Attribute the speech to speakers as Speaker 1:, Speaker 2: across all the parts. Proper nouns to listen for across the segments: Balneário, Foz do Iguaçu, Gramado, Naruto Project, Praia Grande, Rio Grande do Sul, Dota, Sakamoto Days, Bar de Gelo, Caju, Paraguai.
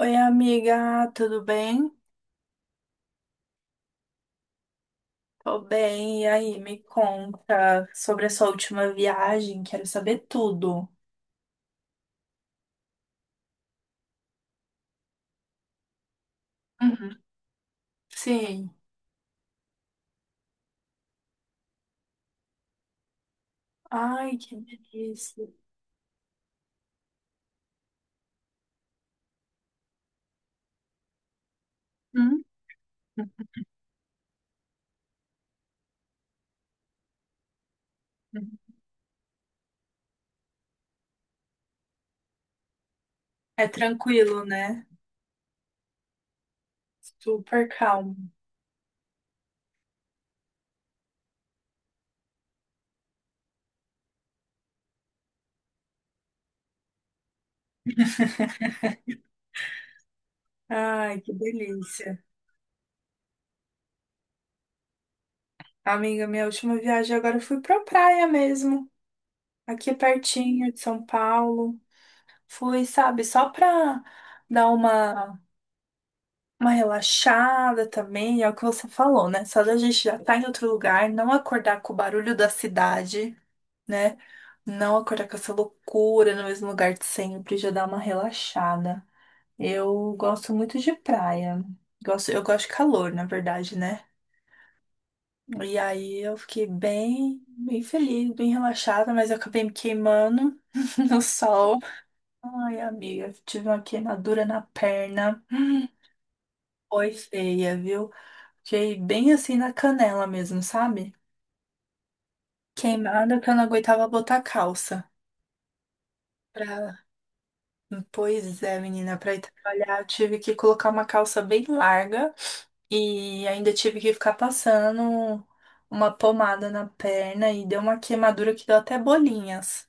Speaker 1: Oi, amiga, tudo bem? Tô bem, e aí, me conta sobre a sua última viagem, quero saber tudo. Uhum. Sim. Ai, que delícia. Uhum. Uhum. É tranquilo, né? Super calmo. Ai, que delícia. Amiga, minha última viagem agora eu fui pra praia mesmo, aqui pertinho de São Paulo. Fui, sabe, só pra dar uma relaxada também, é o que você falou, né? Só da gente já estar em outro lugar, não acordar com o barulho da cidade, né? Não acordar com essa loucura no mesmo lugar de sempre, já dá uma relaxada. Eu gosto muito de praia. Eu gosto de calor, na verdade, né? E aí eu fiquei bem, bem feliz, bem relaxada, mas eu acabei me queimando no sol. Ai, amiga, tive uma queimadura na perna. Foi feia, viu? Fiquei bem assim na canela mesmo, sabe? Queimada que eu não aguentava botar calça. Pra... Pois é, menina, pra ir trabalhar eu tive que colocar uma calça bem larga e ainda tive que ficar passando uma pomada na perna e deu uma queimadura que deu até bolinhas.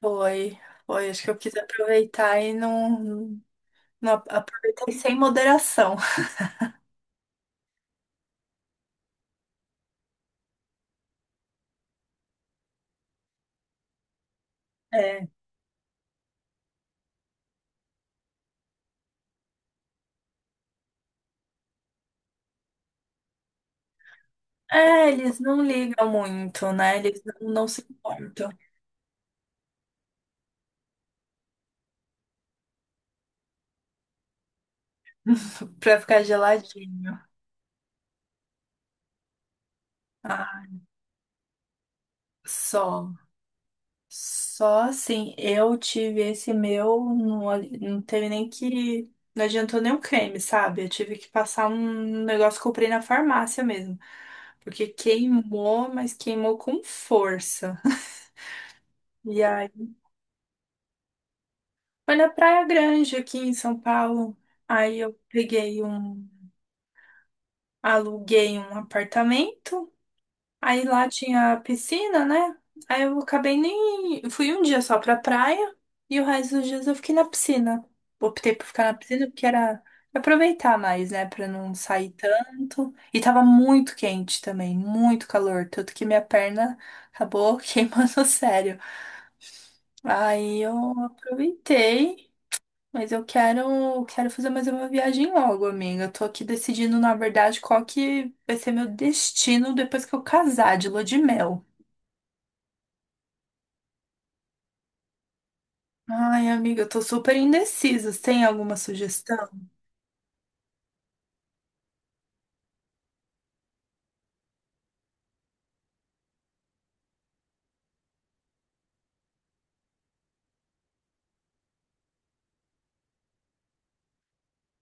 Speaker 1: Foi, foi, acho que eu quis aproveitar e não aproveitei sem moderação. É. É, eles não ligam muito, né? Eles não se importam. Pra ficar geladinho. Ah, só. Só assim, eu tive esse meu, não, não teve nem que. Não adiantou nem o creme, sabe? Eu tive que passar um negócio que eu comprei na farmácia mesmo. Porque queimou, mas queimou com força. E aí, foi na Praia Grande, aqui em São Paulo. Aí eu peguei um. Aluguei um apartamento. Aí lá tinha piscina, né? Aí eu acabei nem. Fui um dia só pra praia e o resto dos dias eu fiquei na piscina. Optei por ficar na piscina porque era aproveitar mais, né? Pra não sair tanto. E tava muito quente também, muito calor. Tanto que minha perna acabou queimando sério. Aí eu aproveitei. Mas eu quero fazer mais uma viagem logo, amiga. Eu tô aqui decidindo, na verdade, qual que vai ser meu destino depois que eu casar de lua de mel. Ai, amiga, eu tô super indecisa. Você tem alguma sugestão?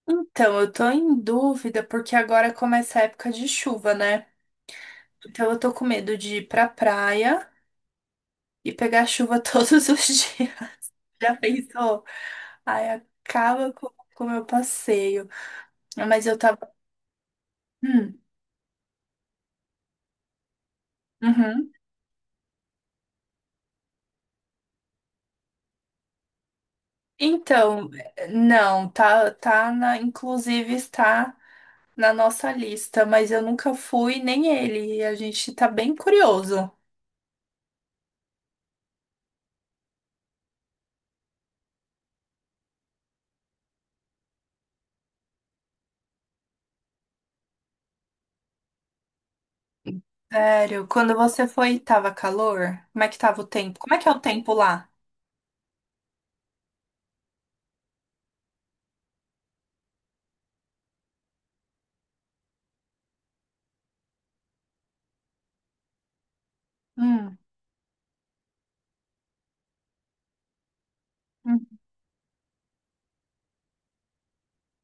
Speaker 1: Então, eu tô em dúvida porque agora começa a época de chuva, né? Então eu tô com medo de ir pra praia e pegar chuva todos os dias. Já pensou? Ai, acaba com o meu passeio. Mas eu tava. Hum, uhum. Então, não, tá na, inclusive está na nossa lista, mas eu nunca fui, nem ele. E a gente tá bem curioso. Sério, quando você foi, tava calor? Como é que tava o tempo? Como é que é o tempo lá? Hum. Hum.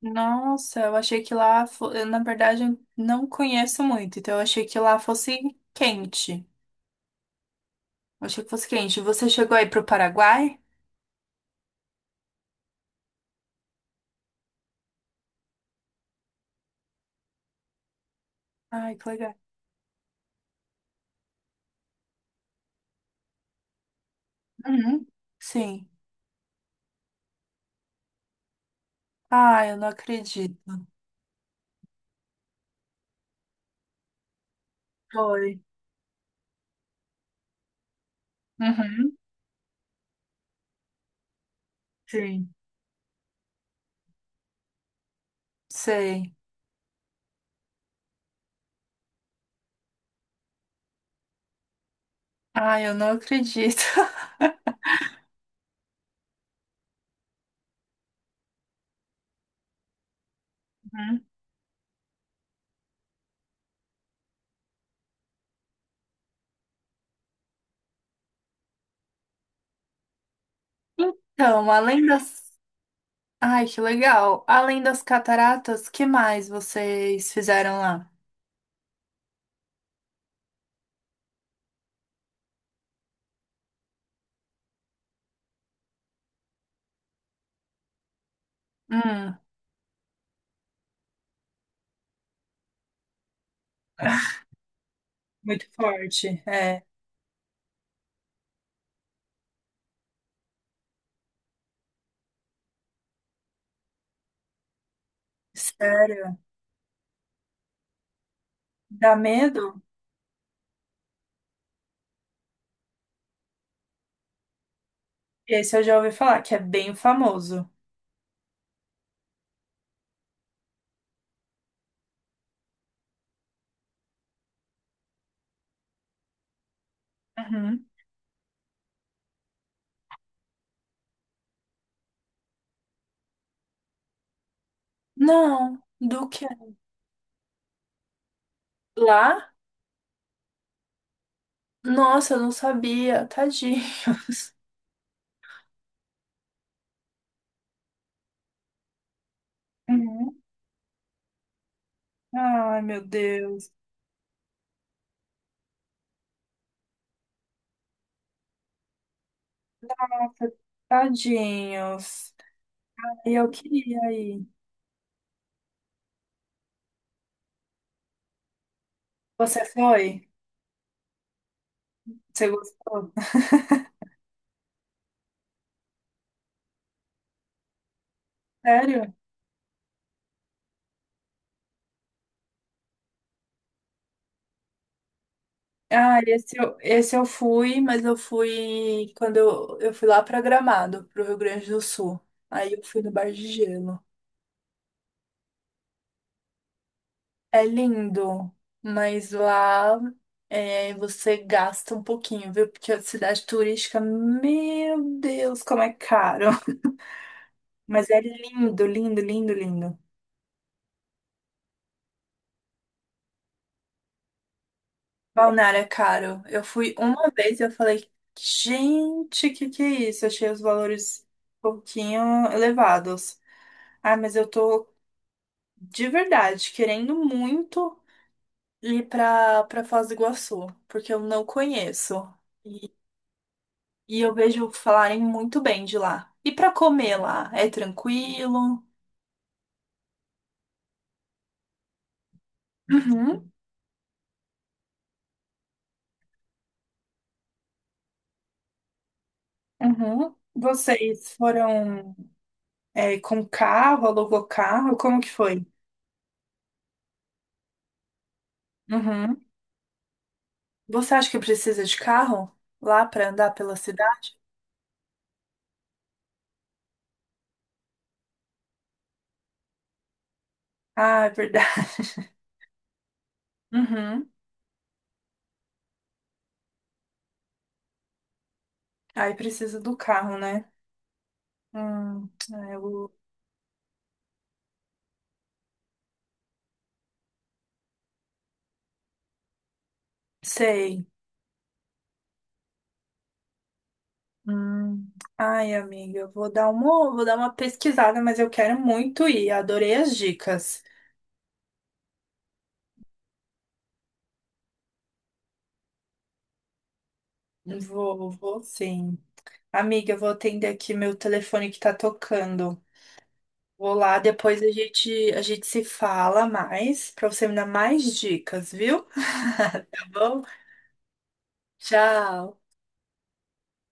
Speaker 1: Nossa, eu achei que lá, eu, na verdade, eu não conheço muito, então eu achei que lá fosse quente. Eu achei que fosse quente. Você chegou aí pro Paraguai? Ai, que legal. Uhum. Sim. Ai, eu não acredito. Foi. Uhum. Sim. Sei. Ai, eu não acredito. Uhum. Então, além das. Ai, que legal. Além das cataratas, que mais vocês fizeram lá? Hum. Muito forte. É. Sé- Dá medo? Esse eu já ouvi falar, que é bem famoso. Uhum. Não, do que? Lá? Nossa, eu não sabia. Tadinhos. Uhum. Ai, meu Deus. Nossa, tadinhos. E eu queria ir. Você foi? Você gostou? Sério? Ah, esse eu fui, mas eu fui quando eu fui lá para Gramado, pro Rio Grande do Sul. Aí eu fui no Bar de Gelo. É lindo, mas lá é, você gasta um pouquinho, viu? Porque a cidade turística, meu Deus, como é caro. Mas é lindo, lindo, lindo, lindo. Balneário é caro. Eu fui uma vez e eu falei, gente, que é isso? Achei os valores um pouquinho elevados. Ah, mas eu tô de verdade, querendo muito ir pra, Foz do Iguaçu, porque eu não conheço. E, e eu vejo falarem muito bem de lá. E pra comer lá, é tranquilo? Uhum, uhum. Vocês foram, com carro, alugou carro? Como que foi? Uhum. Você acha que precisa de carro lá pra andar pela cidade? Ah, é verdade. Uhum. Aí precisa do carro, né? Hum, eu. Sei. Hum. Ai, amiga, eu vou dar uma, pesquisada, mas eu quero muito ir. Adorei as dicas. Vou sim. Amiga, eu vou atender aqui meu telefone que tá tocando. Vou lá, depois a gente, se fala mais, pra você me dar mais dicas, viu? Tá bom? Tchau.